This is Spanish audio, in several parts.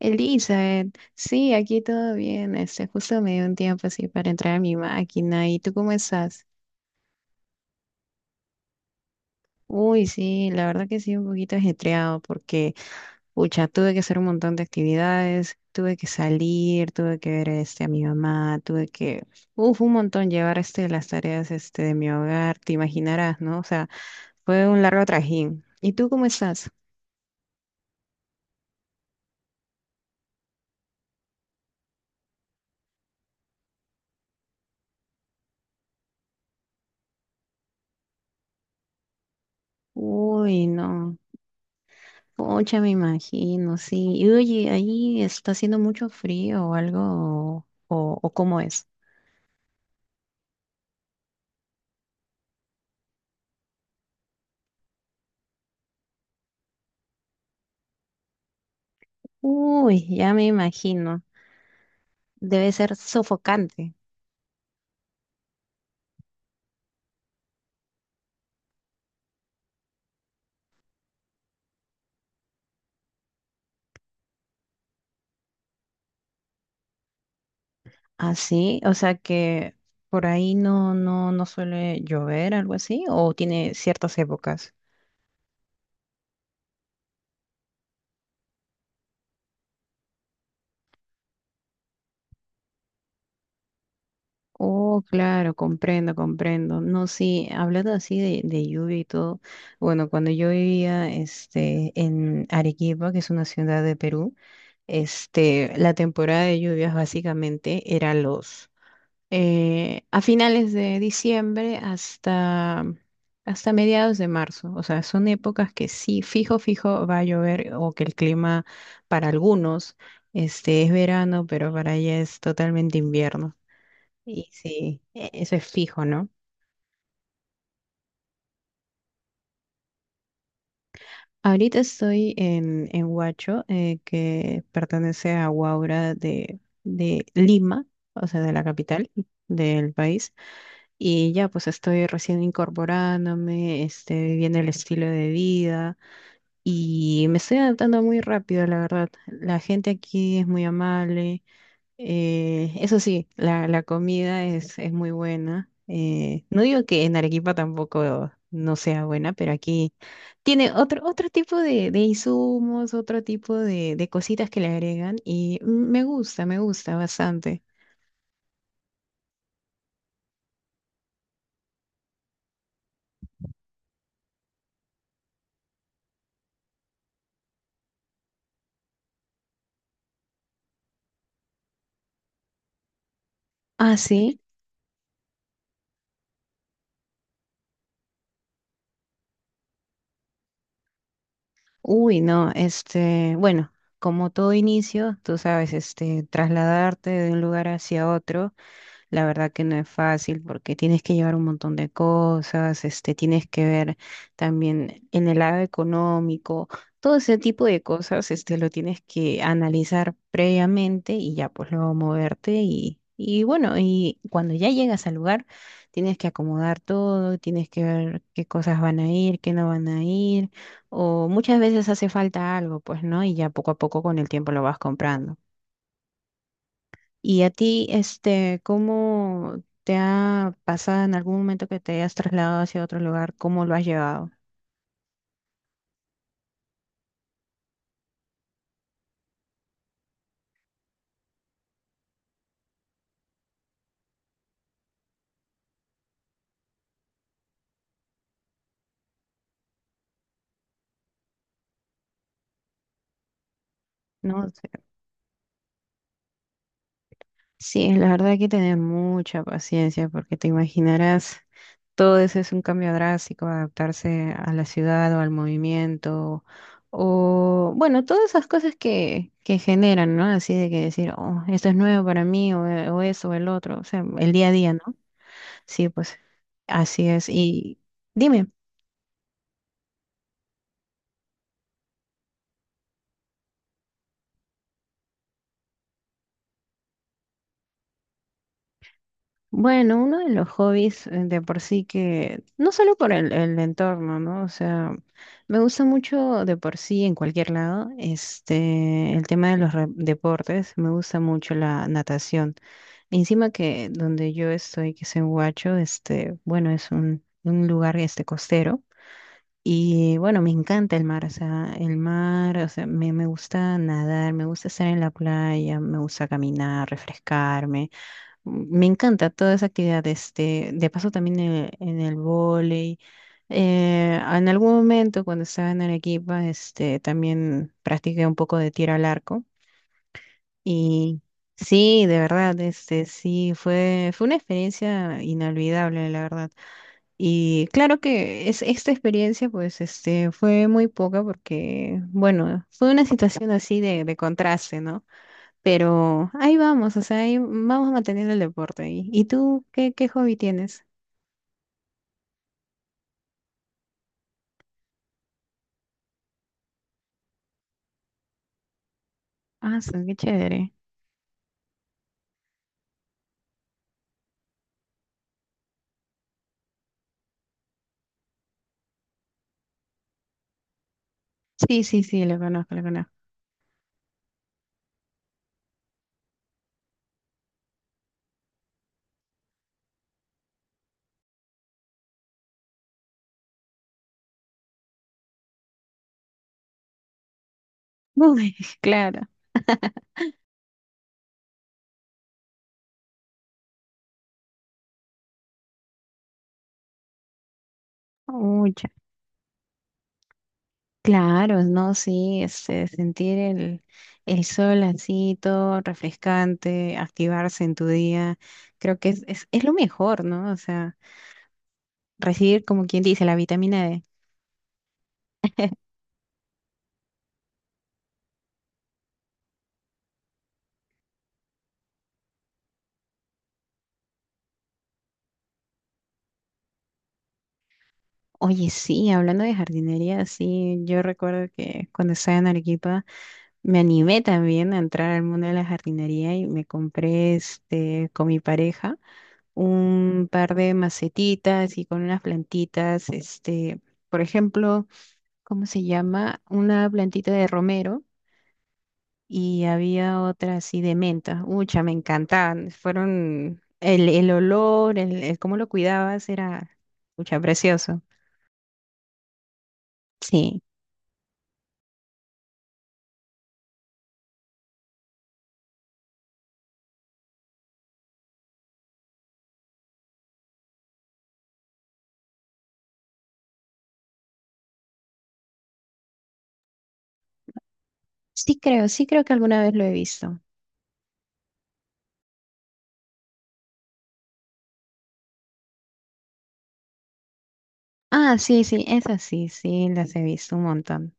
Elizabeth, sí, aquí todo bien. Justo me dio un tiempo así para entrar a mi máquina. ¿Y tú cómo estás? Uy, sí, la verdad que sí, un poquito ajetreado porque, pucha, tuve que hacer un montón de actividades, tuve que salir, tuve que ver a mi mamá, tuve que, uf, un montón llevar las tareas de mi hogar, te imaginarás, ¿no? O sea, fue un largo trajín. ¿Y tú cómo estás? Uy, no. Pucha, me imagino, sí. Y oye, ahí está haciendo mucho frío o algo, o cómo es. Uy, ya me imagino. Debe ser sofocante. Así, o sea que por ahí no suele llover, algo así, o tiene ciertas épocas. Oh, claro, comprendo, comprendo. No, sí, hablando así de lluvia y todo, bueno, cuando yo vivía en Arequipa, que es una ciudad de Perú, la temporada de lluvias básicamente era los, a finales de diciembre hasta mediados de marzo. O sea, son épocas que sí, fijo, fijo va a llover o que el clima para algunos, es verano, pero para ella es totalmente invierno. Y sí, eso es fijo, ¿no? Ahorita estoy en Huacho, que pertenece a Huaura de Lima, o sea, de la capital del país. Y ya, pues estoy recién incorporándome, viviendo el estilo de vida y me estoy adaptando muy rápido, la verdad. La gente aquí es muy amable. Eso sí, la comida es muy buena. No digo que en Arequipa tampoco no sea buena, pero aquí tiene otro tipo de insumos, otro tipo de cositas que le agregan y me gusta bastante. Ah, sí. Uy, no, bueno, como todo inicio, tú sabes, trasladarte de un lugar hacia otro. La verdad que no es fácil porque tienes que llevar un montón de cosas, tienes que ver también en el lado económico, todo ese tipo de cosas, lo tienes que analizar previamente y ya pues luego moverte y bueno, y cuando ya llegas al lugar, tienes que acomodar todo, tienes que ver qué cosas van a ir, qué no van a ir, o muchas veces hace falta algo, pues, ¿no? Y ya poco a poco con el tiempo lo vas comprando. ¿Y a ti, cómo te ha pasado en algún momento que te hayas trasladado hacia otro lugar? ¿Cómo lo has llevado? No, o sí, la verdad hay que tener mucha paciencia porque te imaginarás, todo eso es un cambio drástico, adaptarse a la ciudad o al movimiento, o bueno, todas esas cosas que generan, ¿no? Así de que decir, oh, esto es nuevo para mí, o, o eso, o el otro, o sea, el día a día, ¿no? Sí, pues así es. Y dime. Bueno, uno de los hobbies de por sí que, no solo por el entorno, ¿no? O sea, me gusta mucho de por sí en cualquier lado, el tema de los deportes, me gusta mucho la natación. Encima que donde yo estoy, que es en Huacho, bueno, es un lugar costero. Y bueno, me encanta el mar, o sea, el mar, o sea, me gusta nadar, me gusta estar en la playa, me gusta caminar, refrescarme. Me encanta toda esa actividad. De paso también en el vóley. En algún momento cuando estaba en Arequipa, también practiqué un poco de tiro al arco. Y sí, de verdad, sí, fue una experiencia inolvidable, la verdad. Y claro que es, esta experiencia, pues, fue muy poca porque, bueno, fue una situación así de contraste, ¿no? Pero ahí vamos, o sea, ahí vamos manteniendo el deporte. ¿Y tú qué, hobby tienes? Ah, sí, qué chévere. Sí, sí, sí, lo conozco, lo conozco. Uy, claro. Mucha. Claro, no, sí, sentir el sol así, todo refrescante, activarse en tu día, creo que es, es lo mejor, ¿no? O sea, recibir, como quien dice, la vitamina D. Oye, sí, hablando de jardinería, sí, yo recuerdo que cuando estaba en Arequipa, me animé también a entrar al mundo de la jardinería y me compré con mi pareja un par de macetitas y con unas plantitas, por ejemplo, ¿cómo se llama? Una plantita de romero y había otra así de menta. Ucha, me encantaban. Fueron el olor, el cómo lo cuidabas era, ucha, precioso. Sí, sí creo que alguna vez lo he visto. Ah, sí, sí, esas sí, sí, las he visto un montón.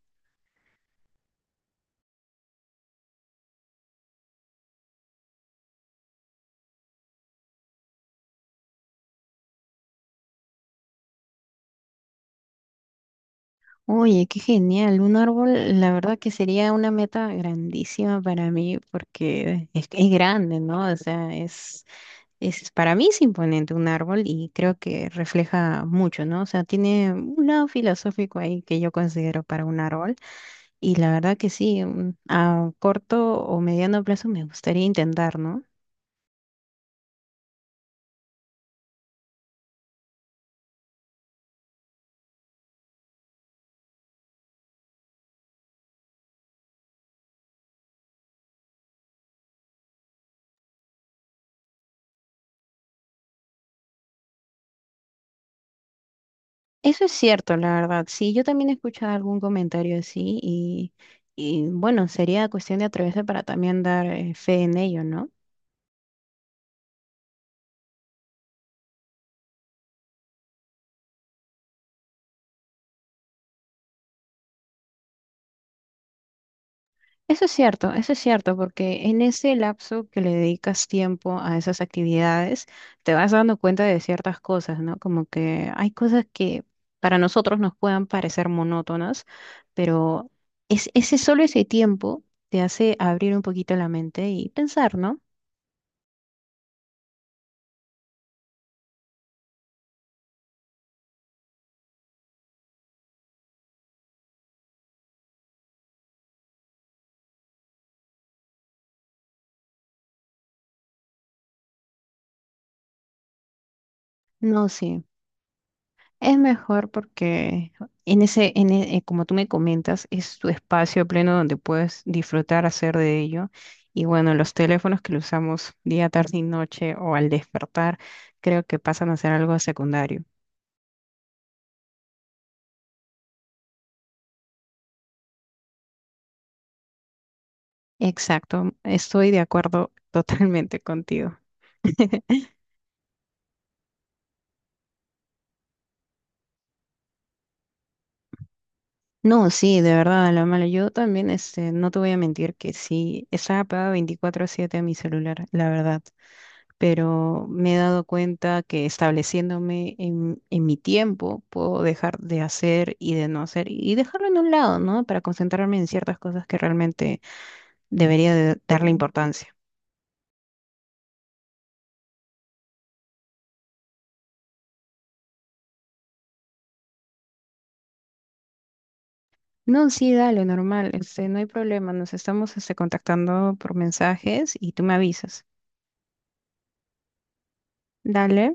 Oye, qué genial. Un árbol, la verdad que sería una meta grandísima para mí porque es grande, ¿no? O sea, para mí es imponente un árbol y creo que refleja mucho, ¿no? O sea, tiene un lado filosófico ahí que yo considero para un árbol y la verdad que sí, a corto o mediano plazo me gustaría intentar, ¿no? Eso es cierto, la verdad. Sí, yo también he escuchado algún comentario así Y bueno, sería cuestión de atreverse para también dar fe en ello, ¿no? Eso es cierto, porque en ese lapso que le dedicas tiempo a esas actividades, te vas dando cuenta de ciertas cosas, ¿no? Como que hay cosas que para nosotros nos puedan parecer monótonas, pero ese solo ese tiempo te hace abrir un poquito la mente y pensar, ¿no? No, sí. Es mejor porque en ese, como tú me comentas, es tu espacio pleno donde puedes disfrutar, hacer de ello. Y bueno, los teléfonos que lo usamos día, tarde y noche o al despertar, creo que pasan a ser algo secundario. Exacto, estoy de acuerdo totalmente contigo. No, sí, de verdad, a la mala. Yo también, no te voy a mentir que sí, estaba pegada 24/7 a mi celular, la verdad. Pero me he dado cuenta que estableciéndome en mi tiempo puedo dejar de hacer y de no hacer y dejarlo en un lado, ¿no? Para concentrarme en ciertas cosas que realmente debería de darle importancia. No, sí, dale, normal, no hay problema, nos estamos contactando por mensajes y tú me avisas. Dale.